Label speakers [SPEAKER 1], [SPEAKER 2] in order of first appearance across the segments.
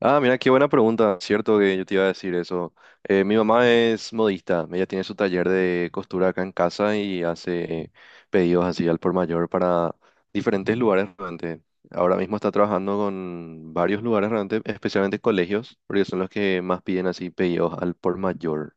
[SPEAKER 1] Mira, qué buena pregunta. Cierto que yo te iba a decir eso. Mi mamá es modista. Ella tiene su taller de costura acá en casa y hace pedidos así al por mayor para diferentes lugares realmente. Ahora mismo está trabajando con varios lugares realmente, especialmente colegios, porque son los que más piden así pedidos al por mayor.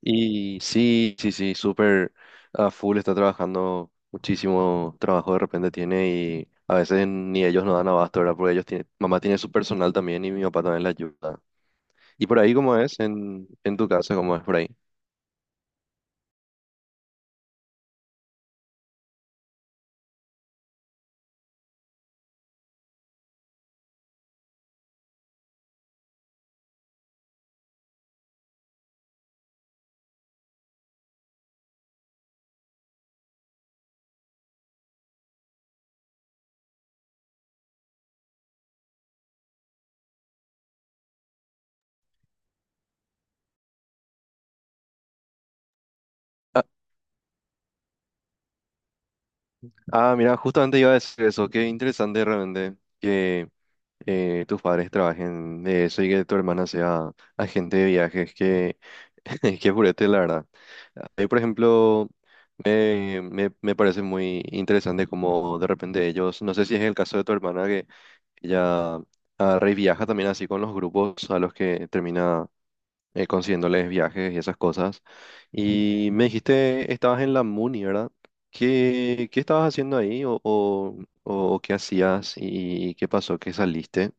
[SPEAKER 1] Y sí, sí, sí, súper a full está trabajando, muchísimo trabajo de repente tiene, y a veces ni ellos no dan abasto, ¿verdad? Porque ellos tienen, mamá tiene su personal también y mi papá también la ayuda. ¿Y por ahí cómo es en tu casa, cómo es por ahí? Ah, Mira, justamente iba a decir eso, qué interesante realmente que tus padres trabajen de eso y que tu hermana sea agente de viajes, que, que purete, la verdad. Ahí, por ejemplo... Me parece muy interesante como de repente ellos, no sé si es el caso de tu hermana que ella reviaja también así con los grupos a los que termina consiguiéndoles viajes y esas cosas. Y me dijiste, estabas en la Muni, ¿verdad? ¿Qué estabas haciendo ahí o qué hacías y qué pasó, qué saliste?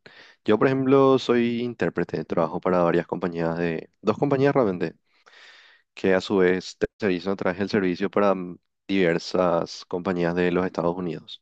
[SPEAKER 1] Yo, por ejemplo, soy intérprete, trabajo para varias compañías de, dos compañías realmente que a su vez terceriza traje el servicio para diversas compañías de los Estados Unidos.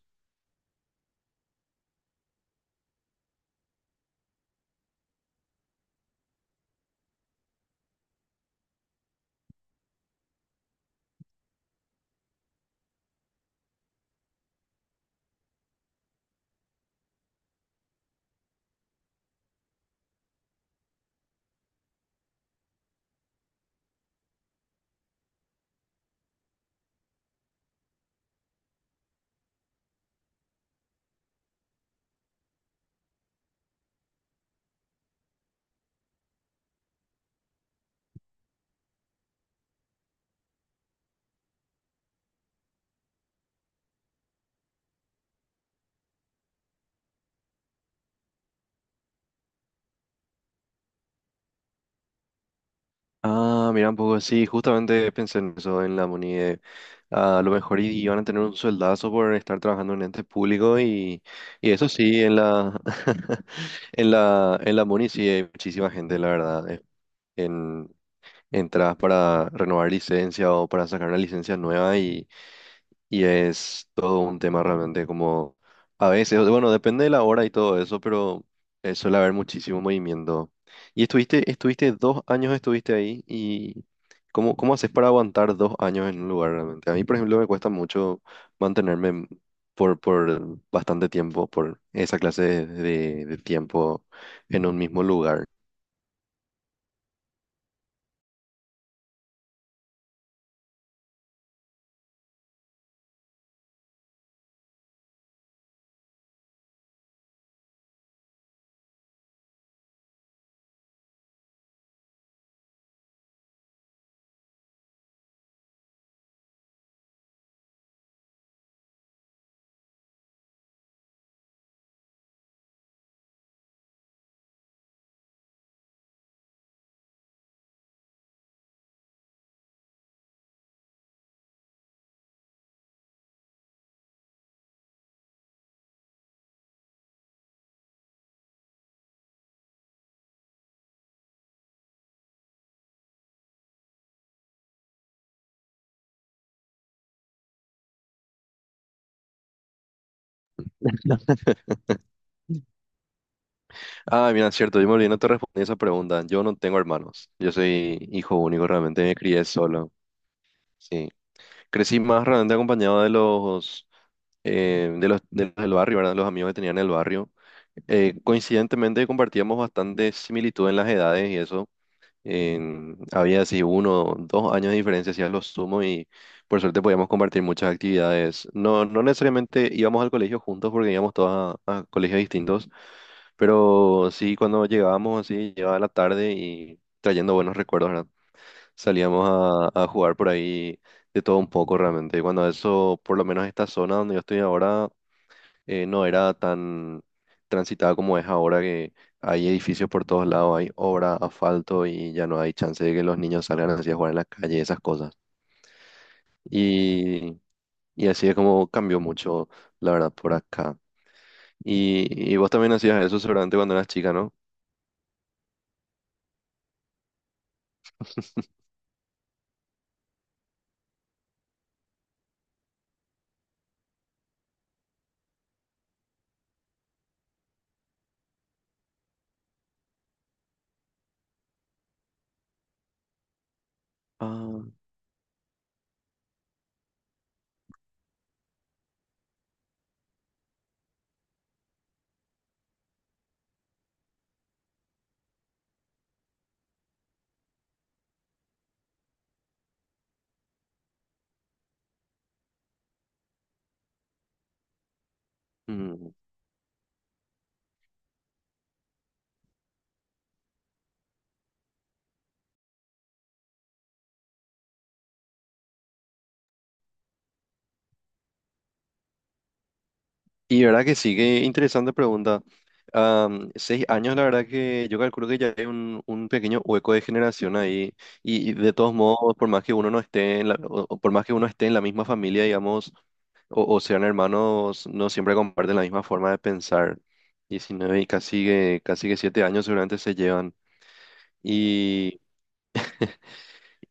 [SPEAKER 1] Mira un poco, sí, justamente pensé en eso en la MUNI. De a lo mejor iban a tener un sueldazo por estar trabajando en ente público y eso sí, en la MUNI sí hay muchísima gente, la verdad. En, Entras para renovar licencia o para sacar una licencia nueva. Y es todo un tema realmente como a veces, bueno, depende de la hora y todo eso, pero suele haber muchísimo movimiento. Y estuviste 2 años, estuviste ahí, y ¿cómo haces para aguantar 2 años en un lugar realmente? A mí, por ejemplo, me cuesta mucho mantenerme en- por bastante tiempo, por esa clase de tiempo en un mismo lugar. Mira, cierto, yo me olvidé, no te respondí esa pregunta. Yo no tengo hermanos, yo soy hijo único realmente, me crié solo. Sí. Crecí más realmente acompañado de de los del barrio, ¿verdad? Los amigos que tenía en el barrio. Coincidentemente compartíamos bastante similitud en las edades y eso. Había así uno, dos años de diferencia, hacía lo sumo, y por suerte podíamos compartir muchas actividades. No, no necesariamente íbamos al colegio juntos porque íbamos todos a colegios distintos, pero sí cuando llegábamos así, llegaba la tarde y trayendo buenos recuerdos, ¿verdad? Salíamos a jugar por ahí de todo un poco realmente. Y cuando eso, por lo menos esta zona donde yo estoy ahora, no era tan transitada como es ahora, que hay edificios por todos lados, hay obra, asfalto, y ya no hay chance de que los niños salgan así a jugar en la calle, esas cosas. Y, y así es como cambió mucho, la verdad, por acá. Y, y vos también hacías eso seguramente cuando eras chica, ¿no? Ah, mm. Y verdad que sí, qué interesante pregunta. 6 años, la verdad que yo calculo que ya hay un pequeño hueco de generación ahí. Y de todos modos, por más que uno no esté o por más que uno esté en la misma familia, digamos, o sean hermanos, no siempre comparten la misma forma de pensar. 19 y casi que 7 años seguramente se llevan.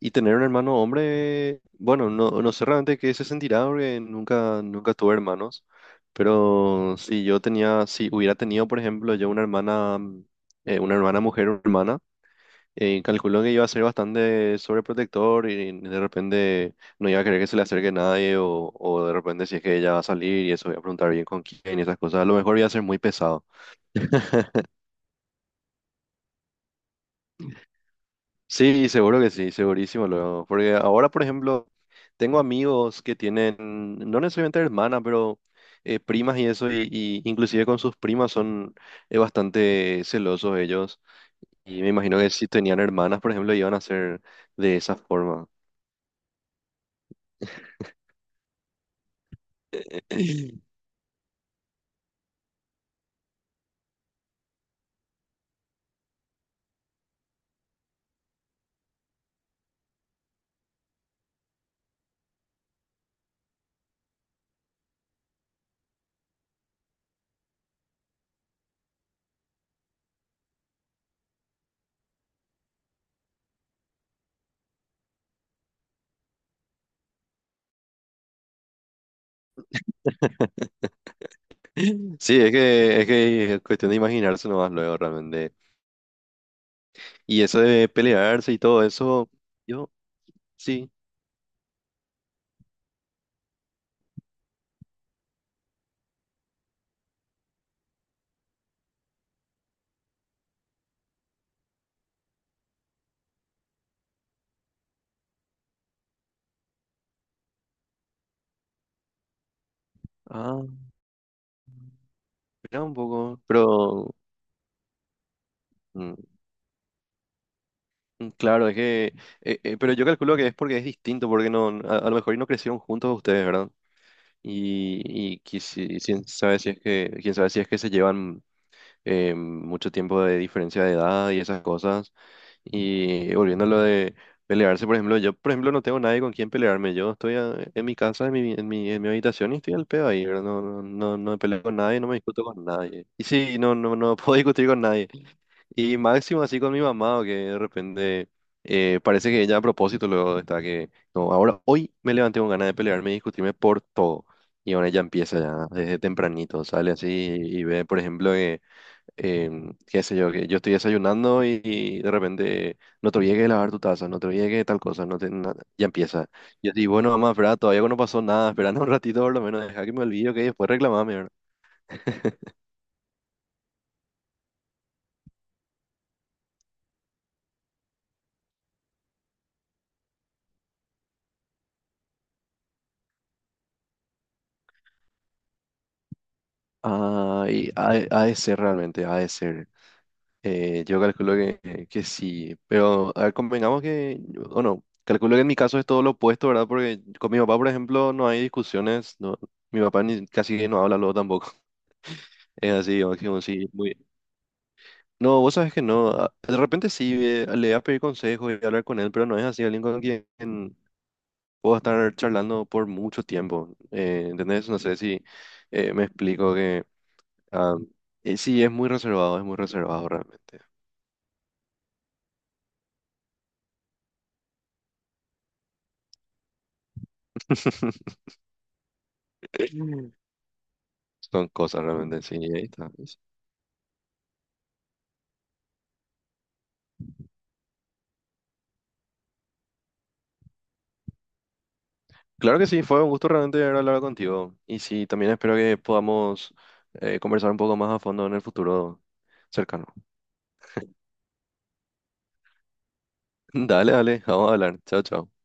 [SPEAKER 1] Y tener un hermano hombre, bueno, no, no sé realmente qué se sentirá porque nunca, nunca tuve hermanos. Pero si yo tenía, si hubiera tenido, por ejemplo, yo una hermana, una hermana mujer, una hermana, calculo que iba a ser bastante sobreprotector y de repente no iba a querer que se le acerque nadie o de repente si es que ella va a salir y eso voy a preguntar bien con quién y esas cosas, a lo mejor iba a ser muy pesado. Sí, seguro que sí, segurísimo luego. Porque ahora, por ejemplo, tengo amigos que tienen, no necesariamente hermanas, pero primas y eso, y inclusive con sus primas son bastante celosos ellos. Y me imagino que si tenían hermanas, por ejemplo, iban a ser de esa forma. Sí, es que, es que es cuestión de imaginarse nomás luego realmente. Y eso de pelearse y todo eso, yo sí, ah, era un poco, pero... mm, Claro, es que, pero yo calculo que es porque es distinto, porque a lo mejor no crecieron juntos ustedes, ¿verdad? Y que quién sabe si es que, quién sabe si es que se llevan mucho tiempo de diferencia de edad y esas cosas. Y volviendo a lo de pelearse, por ejemplo, yo, por ejemplo, no tengo nadie con quien pelearme. Yo estoy en mi casa, en mi habitación y estoy al pedo ahí, ¿verdad? No, no, no, no me peleo con nadie, no me discuto con nadie. Y sí, no, no, no puedo discutir con nadie. Y máximo así con mi mamá, o que de repente parece que ella a propósito luego está que, no, ahora hoy me levanté con ganas de pelearme y discutirme por todo. Y ahora ella empieza ya desde tempranito, sale así y ve, por ejemplo, que, qué sé yo, que yo estoy desayunando y de repente no te olvides de lavar tu taza, no te olvides de tal cosa, no te, na-". Ya empieza. Yo digo, bueno, mamá, espera, todavía no pasó nada, esperando un ratito por lo menos, deja que me olvide, que después reclamame, ¿verdad? Ha de ser realmente, ha de ser. Yo calculo que sí, pero a ver, convengamos que, o no, calculo que en mi caso es todo lo opuesto, ¿verdad? Porque con mi papá, por ejemplo, no hay discusiones, no, mi papá ni, casi que no habla luego tampoco. Es así, o que sí, muy... No, vos sabes que no, de repente sí, le voy a pedir consejos y hablar con él, pero no es así, alguien con quien puedo estar charlando por mucho tiempo, ¿entendés? No sé si me explico que... ah, sí, es muy reservado realmente. Son cosas realmente, sí, ahí está, pues. Claro que sí, fue un gusto realmente haber hablado contigo. Y sí, también espero que podamos conversar un poco más a fondo en el futuro cercano. Dale, dale, vamos a hablar. Chao, chao.